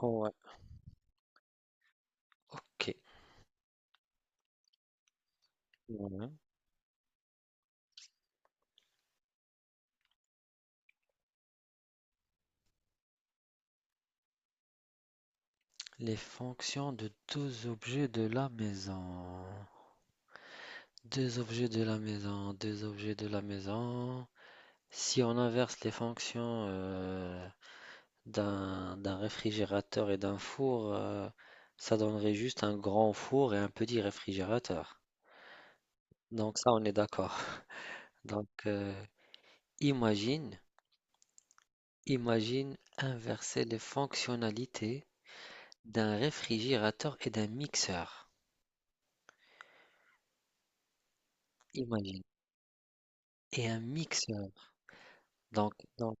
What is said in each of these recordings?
Ouais. Ok. Ouais. Les fonctions de deux objets de la maison. Deux objets de la maison, deux objets de la maison. Si on inverse les fonctions d'un réfrigérateur et d'un four, ça donnerait juste un grand four et un petit réfrigérateur. Donc ça, on est d'accord. Donc euh, imagine, imagine inverser les fonctionnalités d'un réfrigérateur et d'un mixeur. Imagine. Et un mixeur. Donc, donc,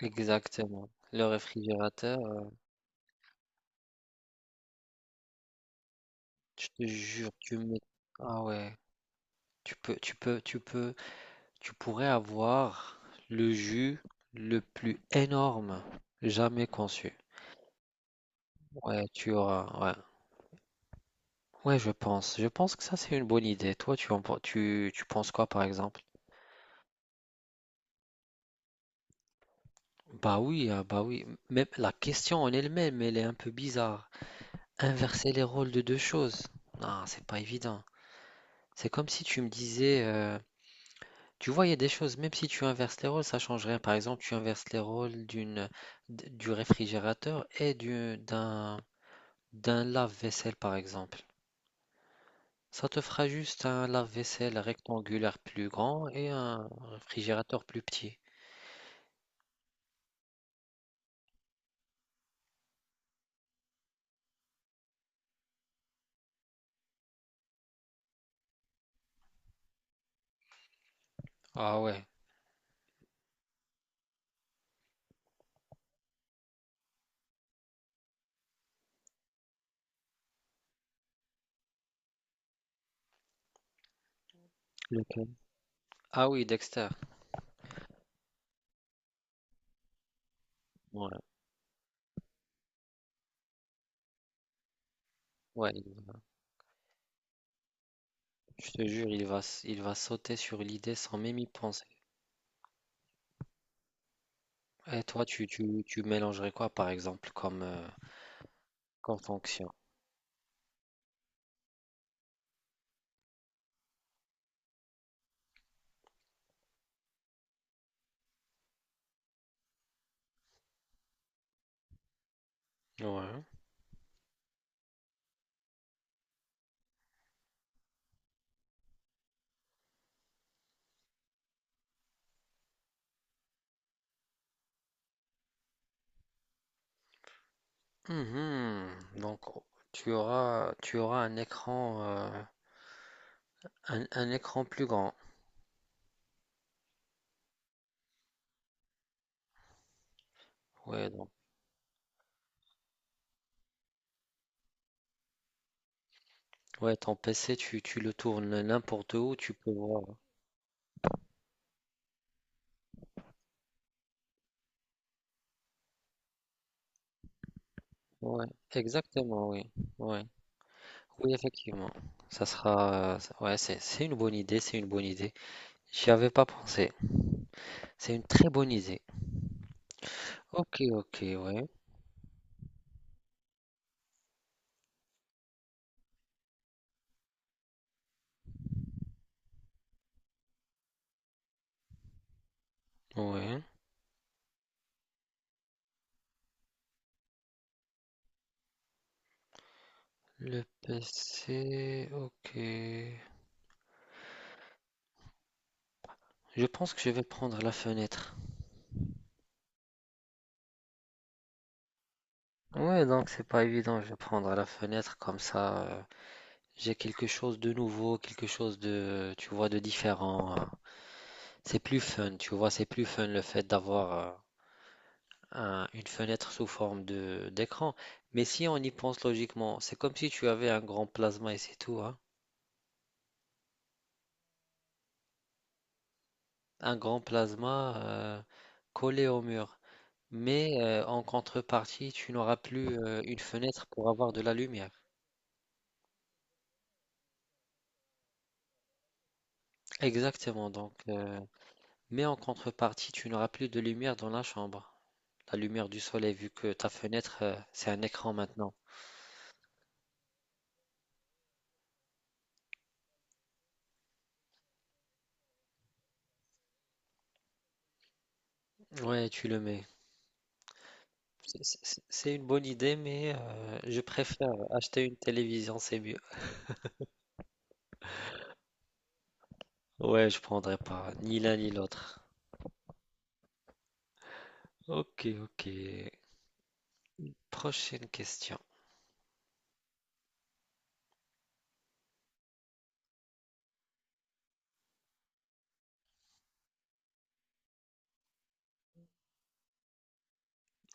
exactement. Le réfrigérateur, je te jure, tu mets. Ah ouais, tu peux, tu pourrais avoir le jus le plus énorme jamais conçu. Ouais, tu auras. Ouais, ouais, je pense. Je pense que ça, c'est une bonne idée. Toi, tu, tu penses quoi, par exemple? Bah oui, ah bah oui. Même la question en elle-même, elle est un peu bizarre. Inverser les rôles de deux choses. Non, c'est pas évident. C'est comme si tu me disais, tu vois, il y a des choses, même si tu inverses les rôles, ça change rien. Par exemple, tu inverses les rôles du réfrigérateur et d'un lave-vaisselle, par exemple. Ça te fera juste un lave-vaisselle rectangulaire plus grand et un réfrigérateur plus petit. Ah ouais. Lequel? Ah oui, Dexter. Ouais. Ouais, je te jure, il va sauter sur l'idée sans même y penser. Et toi, tu mélangerais quoi, par exemple, comme fonction? Ouais. Mhm. Donc tu auras un écran un écran plus grand. Ouais, donc ouais, ton PC tu le tournes n'importe où, tu peux voir. Ouais, exactement, oui. Ouais. Oui, effectivement. Ça sera ouais, c'est une bonne idée, c'est une bonne idée. J'y avais pas pensé. C'est une très bonne idée. OK, OK, ouais. Ouais. Le PC, OK. Je pense que je vais prendre la fenêtre. Ouais, donc c'est pas évident, je vais prendre à la fenêtre comme ça. J'ai quelque chose de nouveau, quelque chose de différent. C'est plus fun, tu vois, c'est plus fun le fait d'avoir une fenêtre sous forme de d'écran. Mais si on y pense logiquement, c'est comme si tu avais un grand plasma et c'est tout, hein. Un grand plasma collé au mur. Mais en contrepartie, tu n'auras plus une fenêtre pour avoir de la lumière. Exactement, donc. Mais en contrepartie, tu n'auras plus de lumière dans la chambre. La lumière du soleil, vu que ta fenêtre, c'est un écran maintenant. Ouais, tu le mets. C'est une bonne idée, mais je préfère acheter une télévision, c'est mieux. Ouais, je prendrai pas, ni l'un ni l'autre. Ok, ok. Prochaine question.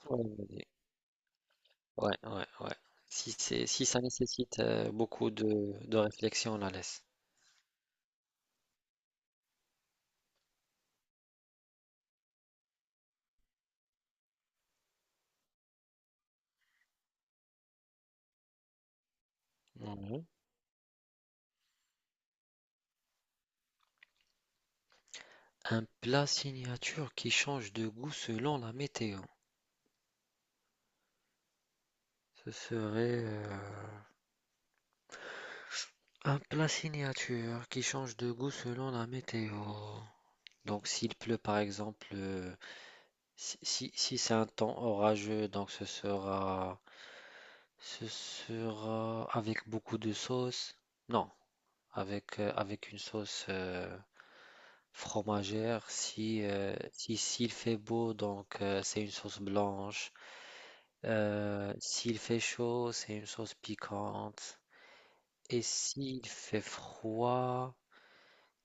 Ouais, vas-y. Ouais, ouais, ouais. Si c'est, si ça nécessite beaucoup de réflexion, on la laisse. Mhm. Un plat signature qui change de goût selon la météo. Ce serait un plat signature qui change de goût selon la météo. Donc s'il pleut par exemple, si c'est un temps orageux, donc ce sera avec beaucoup de sauce. Non, avec, avec une sauce fromagère. Si, s'il fait beau, donc c'est une sauce blanche. S'il fait chaud, c'est une sauce piquante. Et s'il fait froid...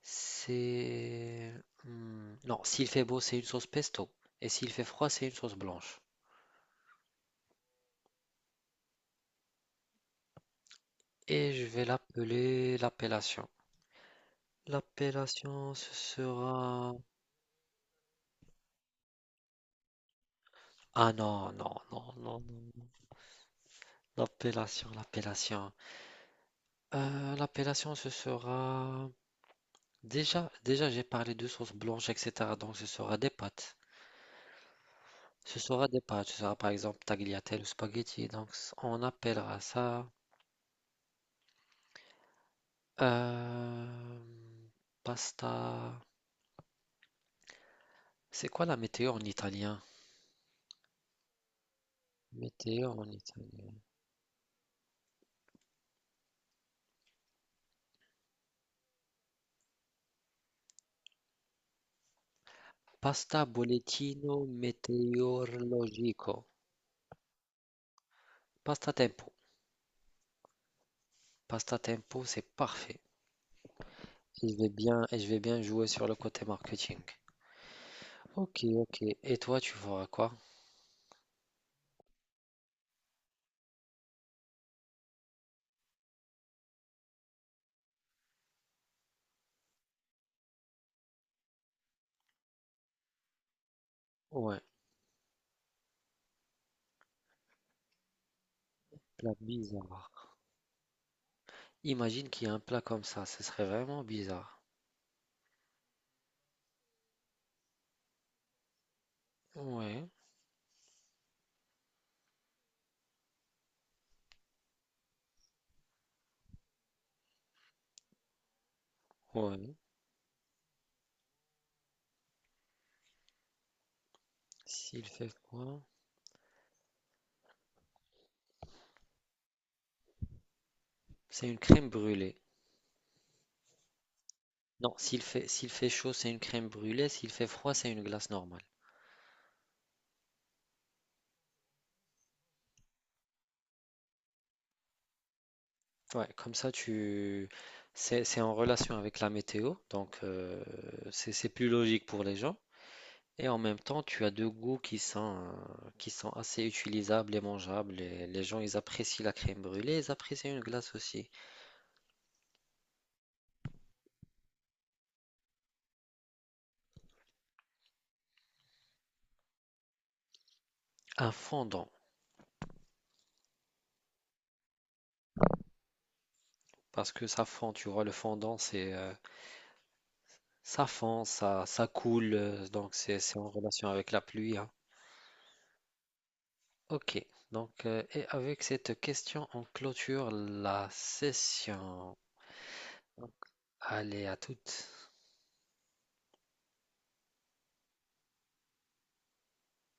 C'est... non, s'il fait beau, c'est une sauce pesto. Et s'il fait froid, c'est une sauce blanche. Et je vais l'appeler l'appellation. L'appellation, ce sera... Ah non, non, non, non, non. L'appellation, l'appellation. L'appellation, ce sera... Déjà, j'ai parlé de sauce blanche, etc. Donc, ce sera des pâtes. Ce sera des pâtes. Ce sera par exemple tagliatelle ou spaghetti. Donc, on appellera ça... euh, Pasta... C'est quoi la météo en italien? Météo en italien. Pasta bollettino meteorologico. Pasta tempo. Pasta tempo, c'est parfait. Et je vais bien jouer sur le côté marketing. Ok, ok. Et toi, tu feras quoi? Ouais, plat bizarre. Imagine qu'il y a un plat comme ça, ce serait vraiment bizarre. Ouais, ouais. S'il fait froid, c'est une crème brûlée. Non, s'il fait chaud, c'est une crème brûlée. S'il fait froid, c'est une glace normale. Ouais, comme ça, tu... c'est en relation avec la météo, donc c'est plus logique pour les gens. Et en même temps, tu as deux goûts qui sont assez utilisables et mangeables. Et les gens, ils apprécient la crème brûlée, ils apprécient une glace aussi. Un fondant, parce que ça fond, tu vois, le fondant, c'est ça fond, ça coule, donc c'est en relation avec la pluie, hein. Ok, donc et avec cette question, on clôture la session. Allez, à toutes.